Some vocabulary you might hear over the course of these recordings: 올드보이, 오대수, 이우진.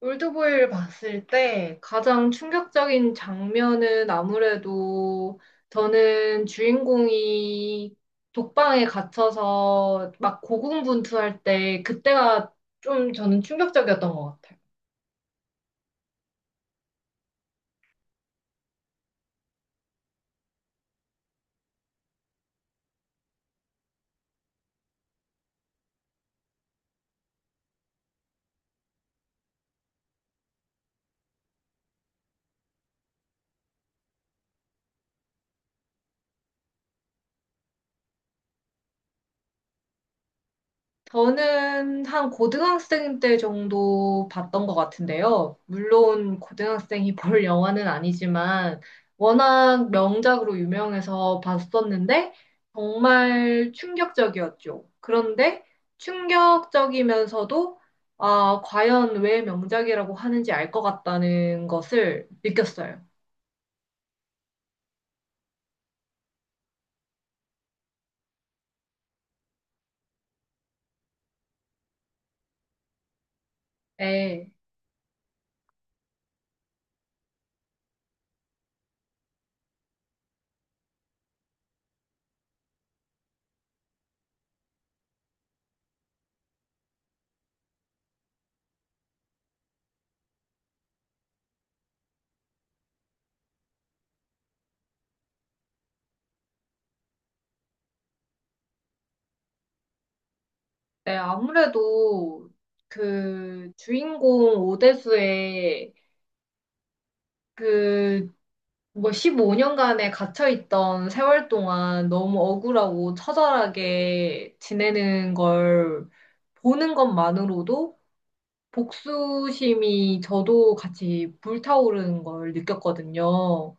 올드보이를 봤을 때 가장 충격적인 장면은 아무래도 저는 주인공이 독방에 갇혀서 막 고군분투할 때 그때가 좀 저는 충격적이었던 것 같아요. 저는 한 고등학생 때 정도 봤던 것 같은데요. 물론 고등학생이 볼 영화는 아니지만 워낙 명작으로 유명해서 봤었는데 정말 충격적이었죠. 그런데 충격적이면서도 아, 과연 왜 명작이라고 하는지 알 것 같다는 것을 느꼈어요. 네, 네, 아무래도 그 주인공 오대수의 그 뭐 15년간에 갇혀있던 세월 동안 너무 억울하고 처절하게 지내는 걸 보는 것만으로도 복수심이 저도 같이 불타오르는 걸 느꼈거든요.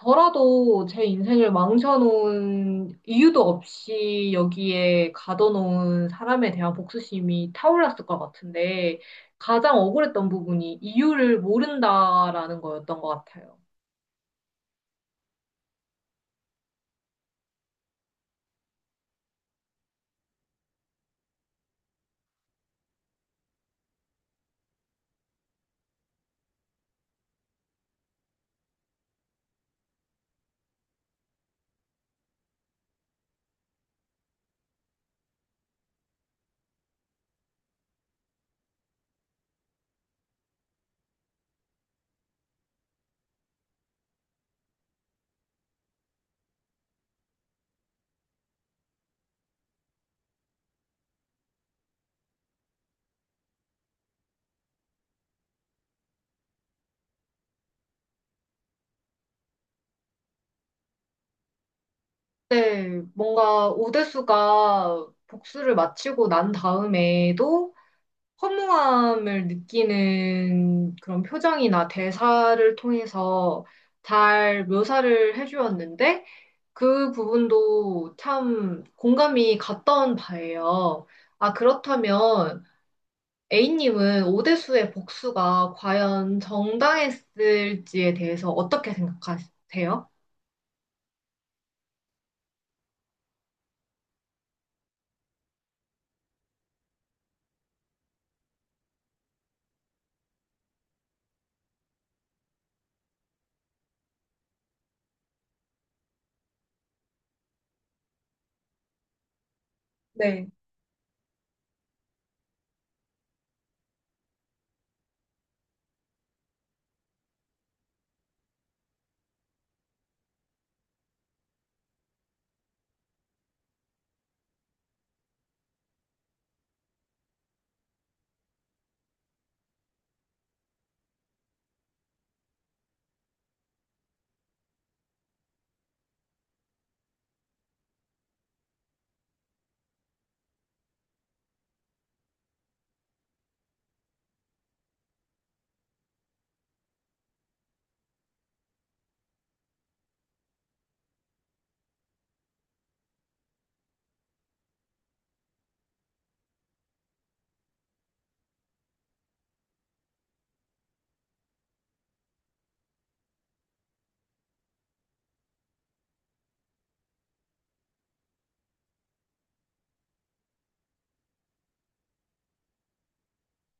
저라도 제 인생을 망쳐놓은 이유도 없이 여기에 가둬놓은 사람에 대한 복수심이 타올랐을 것 같은데 가장 억울했던 부분이 이유를 모른다라는 거였던 것 같아요. 네, 뭔가 오대수가 복수를 마치고 난 다음에도 허무함을 느끼는 그런 표정이나 대사를 통해서 잘 묘사를 해주었는데 그 부분도 참 공감이 갔던 바예요. 아, 그렇다면 A님은 오대수의 복수가 과연 정당했을지에 대해서 어떻게 생각하세요? 네.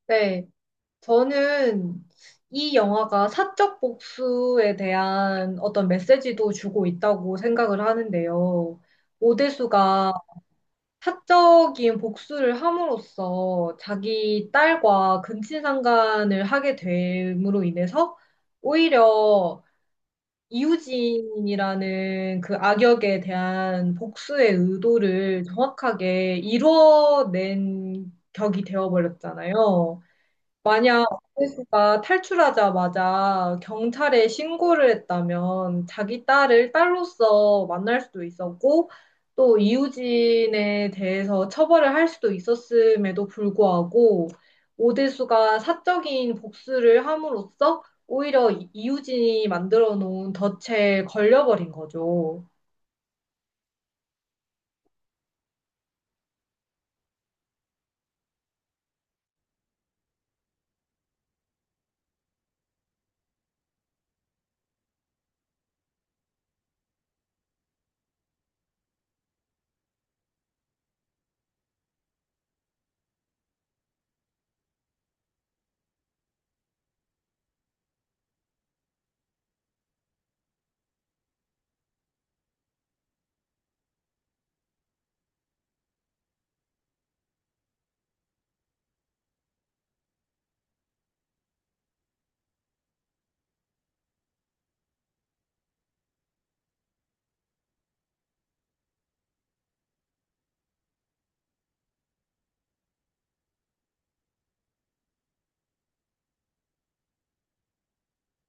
네. 저는 이 영화가 사적 복수에 대한 어떤 메시지도 주고 있다고 생각을 하는데요. 오대수가 사적인 복수를 함으로써 자기 딸과 근친상간을 하게 됨으로 인해서 오히려 이우진이라는 그 악역에 대한 복수의 의도를 정확하게 이뤄낸 격이 되어버렸잖아요. 만약 오해수가 탈출하자마자 경찰에 신고를 했다면 자기 딸을 딸로서 만날 수도 있었고 또 이우진에 대해서 처벌을 할 수도 있었음에도 불구하고 오대수가 사적인 복수를 함으로써 오히려 이우진이 만들어 놓은 덫에 걸려버린 거죠.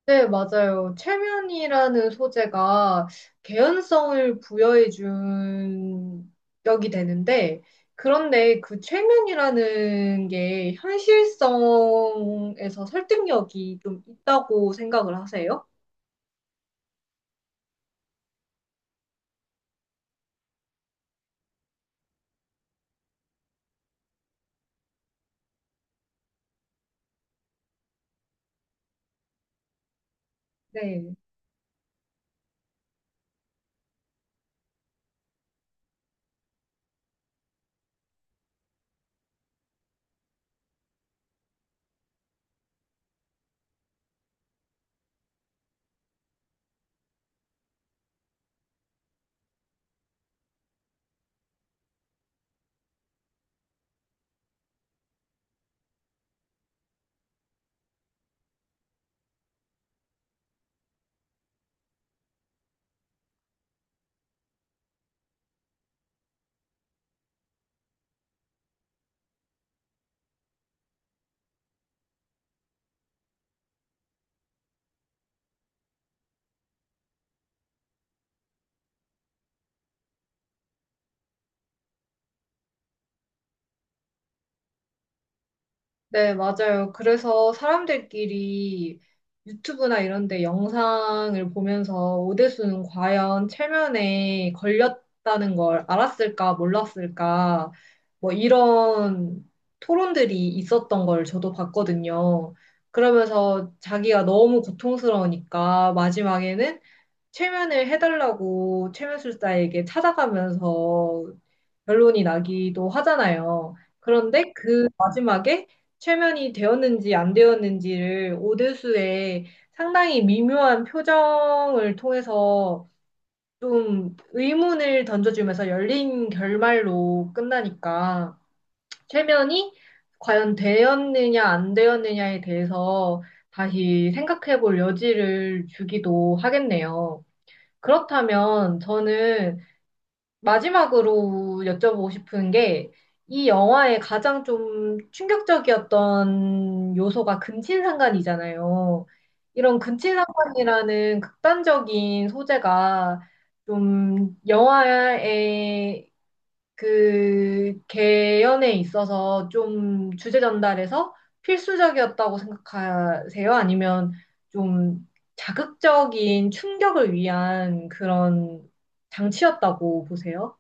네, 맞아요. 최면이라는 소재가 개연성을 부여해준 역이 되는데, 그런데 그 최면이라는 게 현실성에서 설득력이 좀 있다고 생각을 하세요? 네. 네, 맞아요. 그래서 사람들끼리 유튜브나 이런 데 영상을 보면서 오대수는 과연 체면에 걸렸다는 걸 알았을까, 몰랐을까, 뭐 이런 토론들이 있었던 걸 저도 봤거든요. 그러면서 자기가 너무 고통스러우니까 마지막에는 체면을 해달라고 체면술사에게 찾아가면서 결론이 나기도 하잖아요. 그런데 그 마지막에 최면이 되었는지 안 되었는지를 오대수의 상당히 미묘한 표정을 통해서 좀 의문을 던져주면서 열린 결말로 끝나니까 최면이 과연 되었느냐 안 되었느냐에 대해서 다시 생각해 볼 여지를 주기도 하겠네요. 그렇다면 저는 마지막으로 여쭤보고 싶은 게, 이 영화의 가장 좀 충격적이었던 요소가 근친상간이잖아요. 이런 근친상간이라는 극단적인 소재가 좀 영화의 그 개연에 있어서 좀 주제 전달에서 필수적이었다고 생각하세요? 아니면 좀 자극적인 충격을 위한 그런 장치였다고 보세요?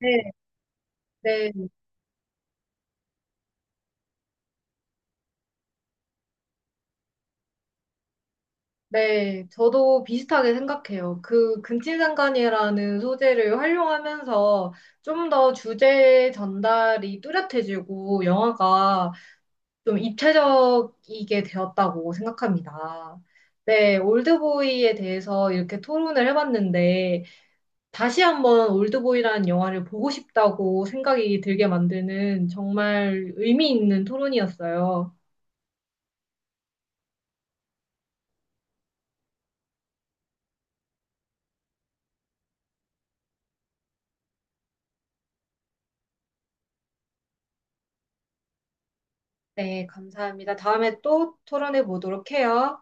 네, 네, 네. 저도 비슷하게 생각해요. 그 근친상간이라는 소재를 활용하면서 좀 더 주제 전달이 뚜렷해지고 영화가 좀 입체적이게 되었다고 생각합니다. 네, 올드보이에 대해서 이렇게 토론을 해봤는데 다시 한번 올드보이라는 영화를 보고 싶다고 생각이 들게 만드는 정말 의미 있는 토론이었어요. 네, 감사합니다. 다음에 또 토론해 보도록 해요.